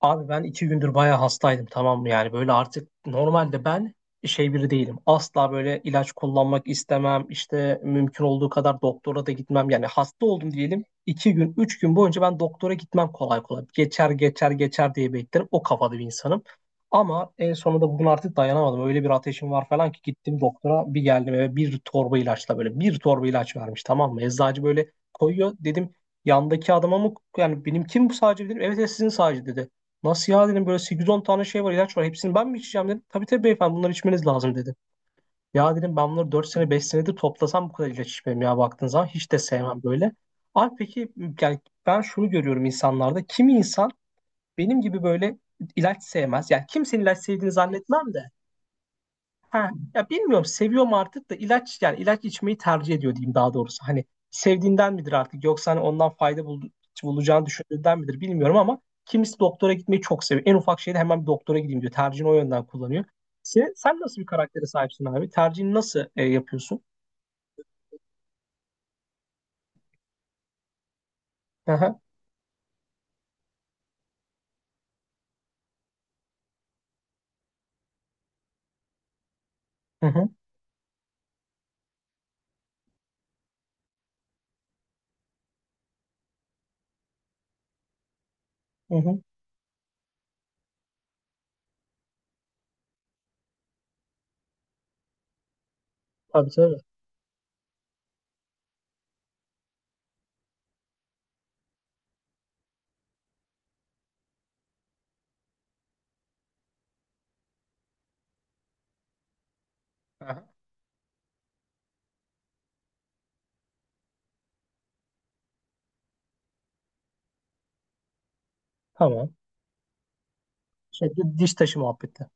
Abi ben iki gündür bayağı hastaydım, tamam mı? Yani böyle artık normalde ben şey biri değilim. Asla böyle ilaç kullanmak istemem, işte mümkün olduğu kadar doktora da gitmem. Yani hasta oldum diyelim, iki gün üç gün boyunca ben doktora gitmem kolay kolay. Geçer geçer geçer diye beklerim, o kafada bir insanım. Ama en sonunda bugün artık dayanamadım, öyle bir ateşim var falan ki gittim doktora, bir geldim eve bir torba ilaçla, böyle bir torba ilaç vermiş, tamam mı? Eczacı böyle koyuyor, dedim yandaki adama mı yani benim, kim bu sadece dedim, evet evet, sizin sadece, dedi. Nasıl ya, dedim, böyle 8-10 tane şey var, ilaç var, hepsini ben mi içeceğim dedim. Tabii tabii beyefendi, bunları içmeniz lazım dedi. Ya dedim, ben bunları 4 sene 5 senedir toplasam bu kadar ilaç içmem ya, baktığın zaman hiç de sevmem böyle. Abi peki, yani ben şunu görüyorum insanlarda, kimi insan benim gibi böyle ilaç sevmez. Yani kimsenin ilaç sevdiğini zannetmem de. Ha, ya bilmiyorum, seviyorum artık da ilaç, yani ilaç içmeyi tercih ediyor diyeyim daha doğrusu. Hani sevdiğinden midir artık, yoksa hani ondan fayda bulacağını düşündüğünden midir bilmiyorum, ama kimisi doktora gitmeyi çok seviyor. En ufak şeyde hemen bir doktora gideyim diyor. Tercihini o yönden kullanıyor. Sen nasıl bir karaktere sahipsin abi? Tercihini nasıl yapıyorsun? Aha, hı hı, hı hı. Tabii tabii. Aha, tamam. Şey, diş taşı muhabbeti.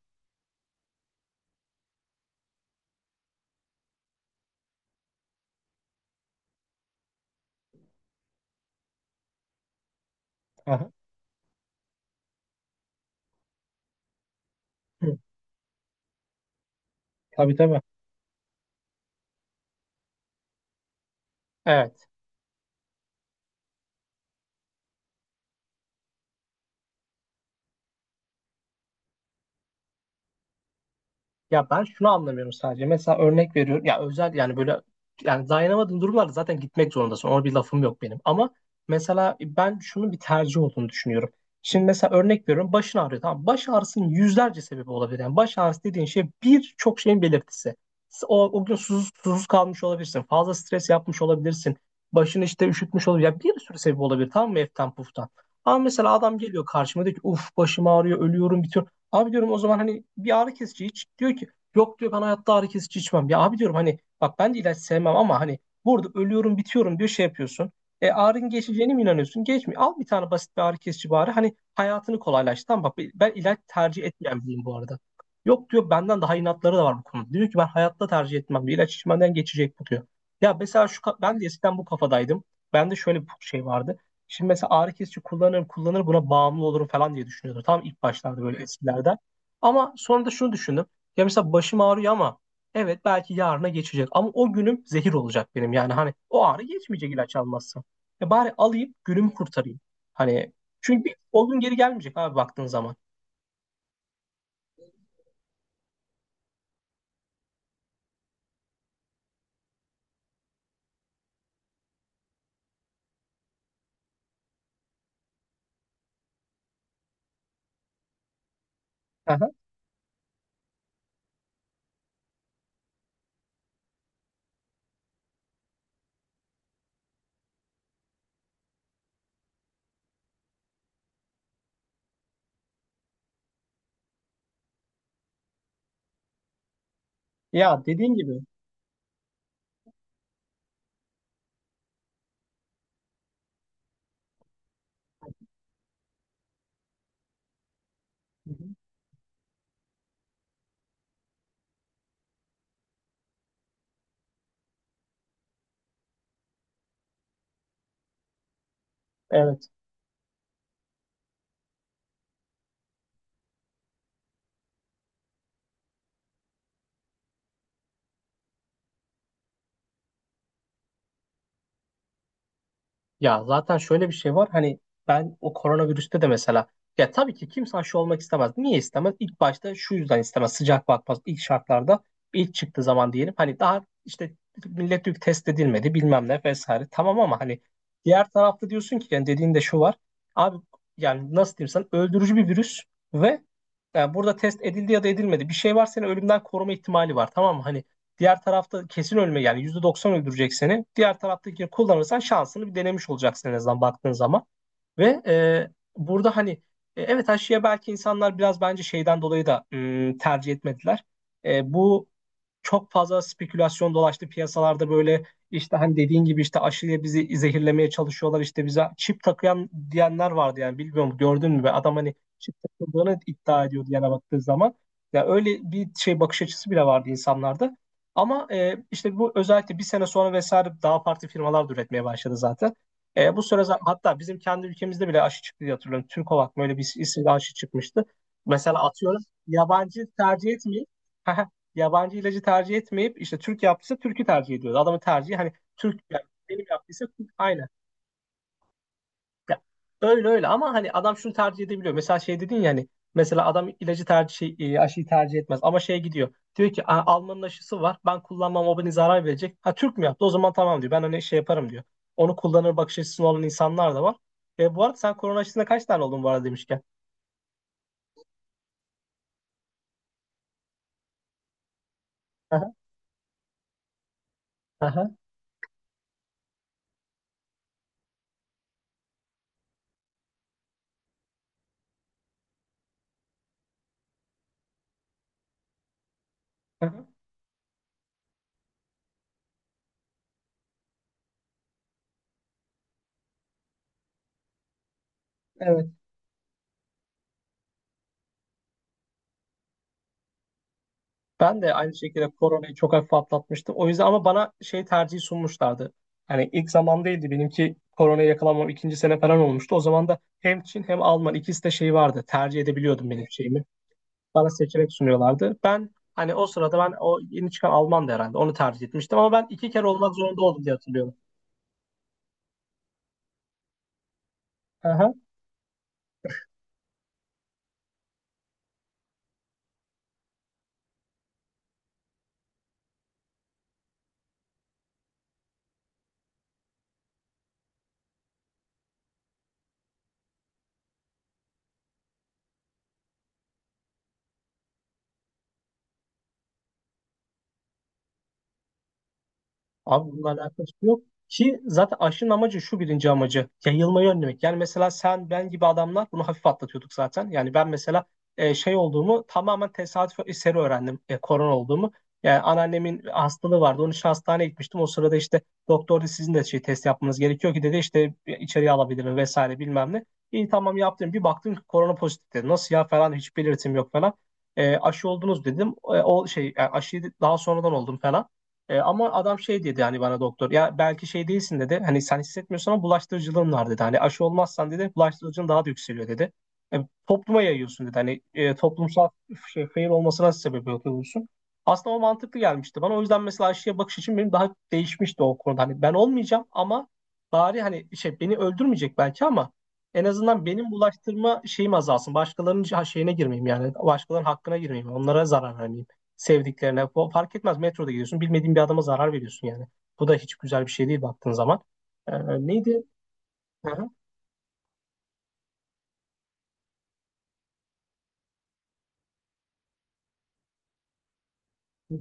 Aha, hı. Tabii tabii. Evet. Ya ben şunu anlamıyorum sadece. Mesela örnek veriyorum. Ya özel, yani böyle, yani dayanamadığın durumlarda zaten gitmek zorundasın. Ona bir lafım yok benim. Ama mesela ben şunun bir tercih olduğunu düşünüyorum. Şimdi mesela örnek veriyorum. Başın ağrıyor. Tamam. Baş ağrısının yüzlerce sebebi olabilir. Yani baş ağrısı dediğin şey birçok şeyin belirtisi. O gün susuz, susuz kalmış olabilirsin. Fazla stres yapmış olabilirsin. Başın işte üşütmüş olabilir. Yani bir sürü sebebi olabilir. Tamam mı? Eften puftan. Ama mesela adam geliyor karşıma, diyor ki uf başım ağrıyor, ölüyorum bitiyor. Abi diyorum o zaman hani bir ağrı kesici iç. Diyor ki yok diyor, ben hayatta ağrı kesici içmem. Ya abi diyorum, hani bak ben de ilaç sevmem, ama hani burada ölüyorum bitiyorum diyor, şey yapıyorsun. E ağrın geçeceğine mi inanıyorsun? Geçmiyor. Al bir tane basit bir ağrı kesici bari. Hani hayatını kolaylaştır. Tamam, bak ben ilaç tercih etmeyen biriyim bu arada. Yok diyor, benden daha inatları da var bu konuda. Diyor ki ben hayatta tercih etmem diyor. İlaç içmeden geçecek bu diyor. Ya mesela şu ben de eskiden bu kafadaydım. Bende şöyle bir şey vardı. Şimdi mesela ağrı kesici kullanırım kullanırım, buna bağımlı olurum falan diye düşünüyordum. Tam ilk başlarda, böyle eskilerde. Ama sonra da şunu düşündüm. Ya mesela başım ağrıyor ama evet belki yarına geçecek. Ama o günüm zehir olacak benim. Yani hani o ağrı geçmeyecek ilaç almazsam. E bari alayım, günümü kurtarayım. Hani çünkü o gün geri gelmeyecek abi baktığın zaman. Aha. Ya dediğin gibi. Hı hı. Evet. Ya zaten şöyle bir şey var, hani ben o koronavirüste de mesela, ya tabii ki kimse aşı olmak istemez. Niye istemez? İlk başta şu yüzden istemez. Sıcak bakmaz ilk şartlarda, ilk çıktığı zaman diyelim, hani daha işte millet yük test edilmedi bilmem ne vesaire, tamam, ama hani diğer tarafta diyorsun ki, yani dediğin de şu var. Abi, yani nasıl diyeyim sana, öldürücü bir virüs ve yani burada test edildi ya da edilmedi. Bir şey var, seni ölümden koruma ihtimali var. Tamam mı? Hani diğer tarafta kesin ölme, yani %90 öldürecek seni. Diğer taraftakini kullanırsan şansını bir denemiş olacaksın en azından, baktığın zaman. Ve burada hani evet aşıya belki insanlar biraz bence şeyden dolayı da tercih etmediler. E, bu çok fazla spekülasyon dolaştı piyasalarda, böyle işte hani dediğin gibi, işte aşıya bizi zehirlemeye çalışıyorlar, işte bize çip takıyan diyenler vardı, yani bilmiyorum, gördün mü be adam hani çip takıldığını iddia ediyordu, yana baktığı zaman. Ya öyle bir şey, bakış açısı bile vardı insanlarda. Ama işte bu özellikle bir sene sonra vesaire daha farklı firmalar da üretmeye başladı zaten. E, bu süre hatta bizim kendi ülkemizde bile aşı çıktı diye hatırlıyorum. Türkovak mı, öyle bir isimli aşı çıkmıştı. Mesela atıyorum yabancı tercih etmeyip yabancı ilacı tercih etmeyip, işte Türk yaptıysa Türk'ü tercih ediyordu. Adamın tercihi hani Türk, yani benim yaptıysa Türk aynı. Ya, öyle öyle, ama hani adam şunu tercih edebiliyor. Mesela şey dedin ya, hani mesela adam ilacı tercih şey, aşıyı tercih etmez, ama şeye gidiyor. Diyor ki "Aa, Alman'ın aşısı var. Ben kullanmam, o beni zarar verecek. Ha, Türk mü yaptı? O zaman tamam diyor. Ben hani şey yaparım diyor." Onu kullanır, bakış açısı olan insanlar da var. E, bu arada sen korona aşısına kaç tane oldun bu arada, demişken. Aha, aha, aha. Evet. Ben de aynı şekilde koronayı çok hafif atlatmıştım. O yüzden, ama bana şey tercihi sunmuşlardı. Yani ilk zamandaydı benimki, koronaya yakalanmam ikinci sene falan olmuştu. O zaman da hem Çin hem Alman ikisi de şey vardı. Tercih edebiliyordum benim şeyimi. Bana seçenek sunuyorlardı. Ben hani o sırada ben o yeni çıkan Alman'dı herhalde. Onu tercih etmiştim ama ben iki kere olmak zorunda oldum diye hatırlıyorum. Abi bununla alakası yok. Ki zaten aşının amacı şu, birinci amacı, yayılmayı önlemek. Yani mesela sen ben gibi adamlar bunu hafif atlatıyorduk zaten. Yani ben mesela şey olduğumu tamamen tesadüf eseri öğrendim. E, korona olduğumu. Yani anneannemin hastalığı vardı. Onun için hastaneye gitmiştim. O sırada işte doktor dedi, sizin de şey test yapmanız gerekiyor ki dedi, işte içeriye alabilirim vesaire bilmem ne. İyi tamam, yaptım. Bir baktım ki korona pozitif dedi. Nasıl ya falan, hiç belirtim yok falan. E, aşı oldunuz dedim. E, o şey yani aşıyı daha sonradan oldum falan. E, ama adam şey dedi, hani bana doktor ya belki şey değilsin dedi. Hani sen hissetmiyorsun ama bulaştırıcılığın var dedi. Hani aşı olmazsan dedi bulaştırıcılığın daha da yükseliyor dedi. E, topluma yayıyorsun dedi. Hani toplumsal şey, fail olmasına sebep oluyorsun. Aslında o mantıklı gelmişti bana. O yüzden mesela aşıya bakış için benim daha değişmişti o konuda. Hani ben olmayacağım ama bari hani şey beni öldürmeyecek belki, ama en azından benim bulaştırma şeyim azalsın. Başkalarının şey, şeyine girmeyeyim yani. Başkalarının hakkına girmeyeyim. Onlara zarar vermeyeyim, sevdiklerine. O fark etmez, metroda gidiyorsun, bilmediğin bir adama zarar veriyorsun yani. Bu da hiç güzel bir şey değil, baktığın zaman. Ee, neydi? Hı hı. Hı hı.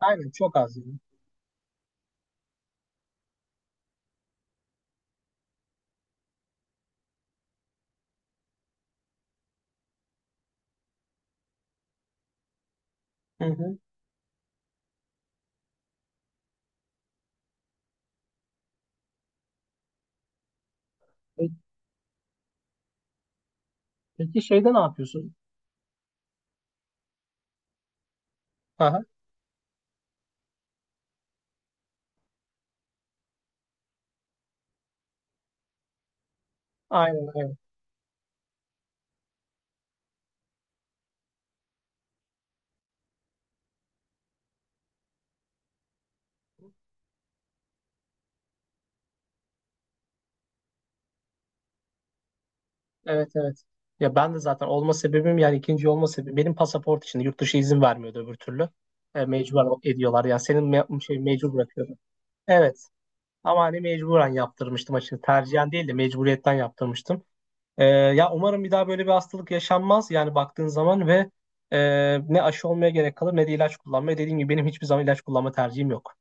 Aynen, çok az yani. Hı hı. E, peki şeyde ne yapıyorsun? Aha, aynen aynen. Evet evet, evet. Ya ben de zaten olma sebebim, yani ikinci olma sebebim benim pasaport için, yurt dışı izin vermiyordu öbür türlü. E, mecburen ediyorlar yani, senin şey mecbur bırakıyordu. Evet. Ama hani mecburen yaptırmıştım açıkçası. Tercihen değil de mecburiyetten yaptırmıştım. Ya umarım bir daha böyle bir hastalık yaşanmaz, yani baktığın zaman, ve e, ne aşı olmaya gerek kalır ne de ilaç kullanmaya. Dediğim gibi benim hiçbir zaman ilaç kullanma tercihim yok.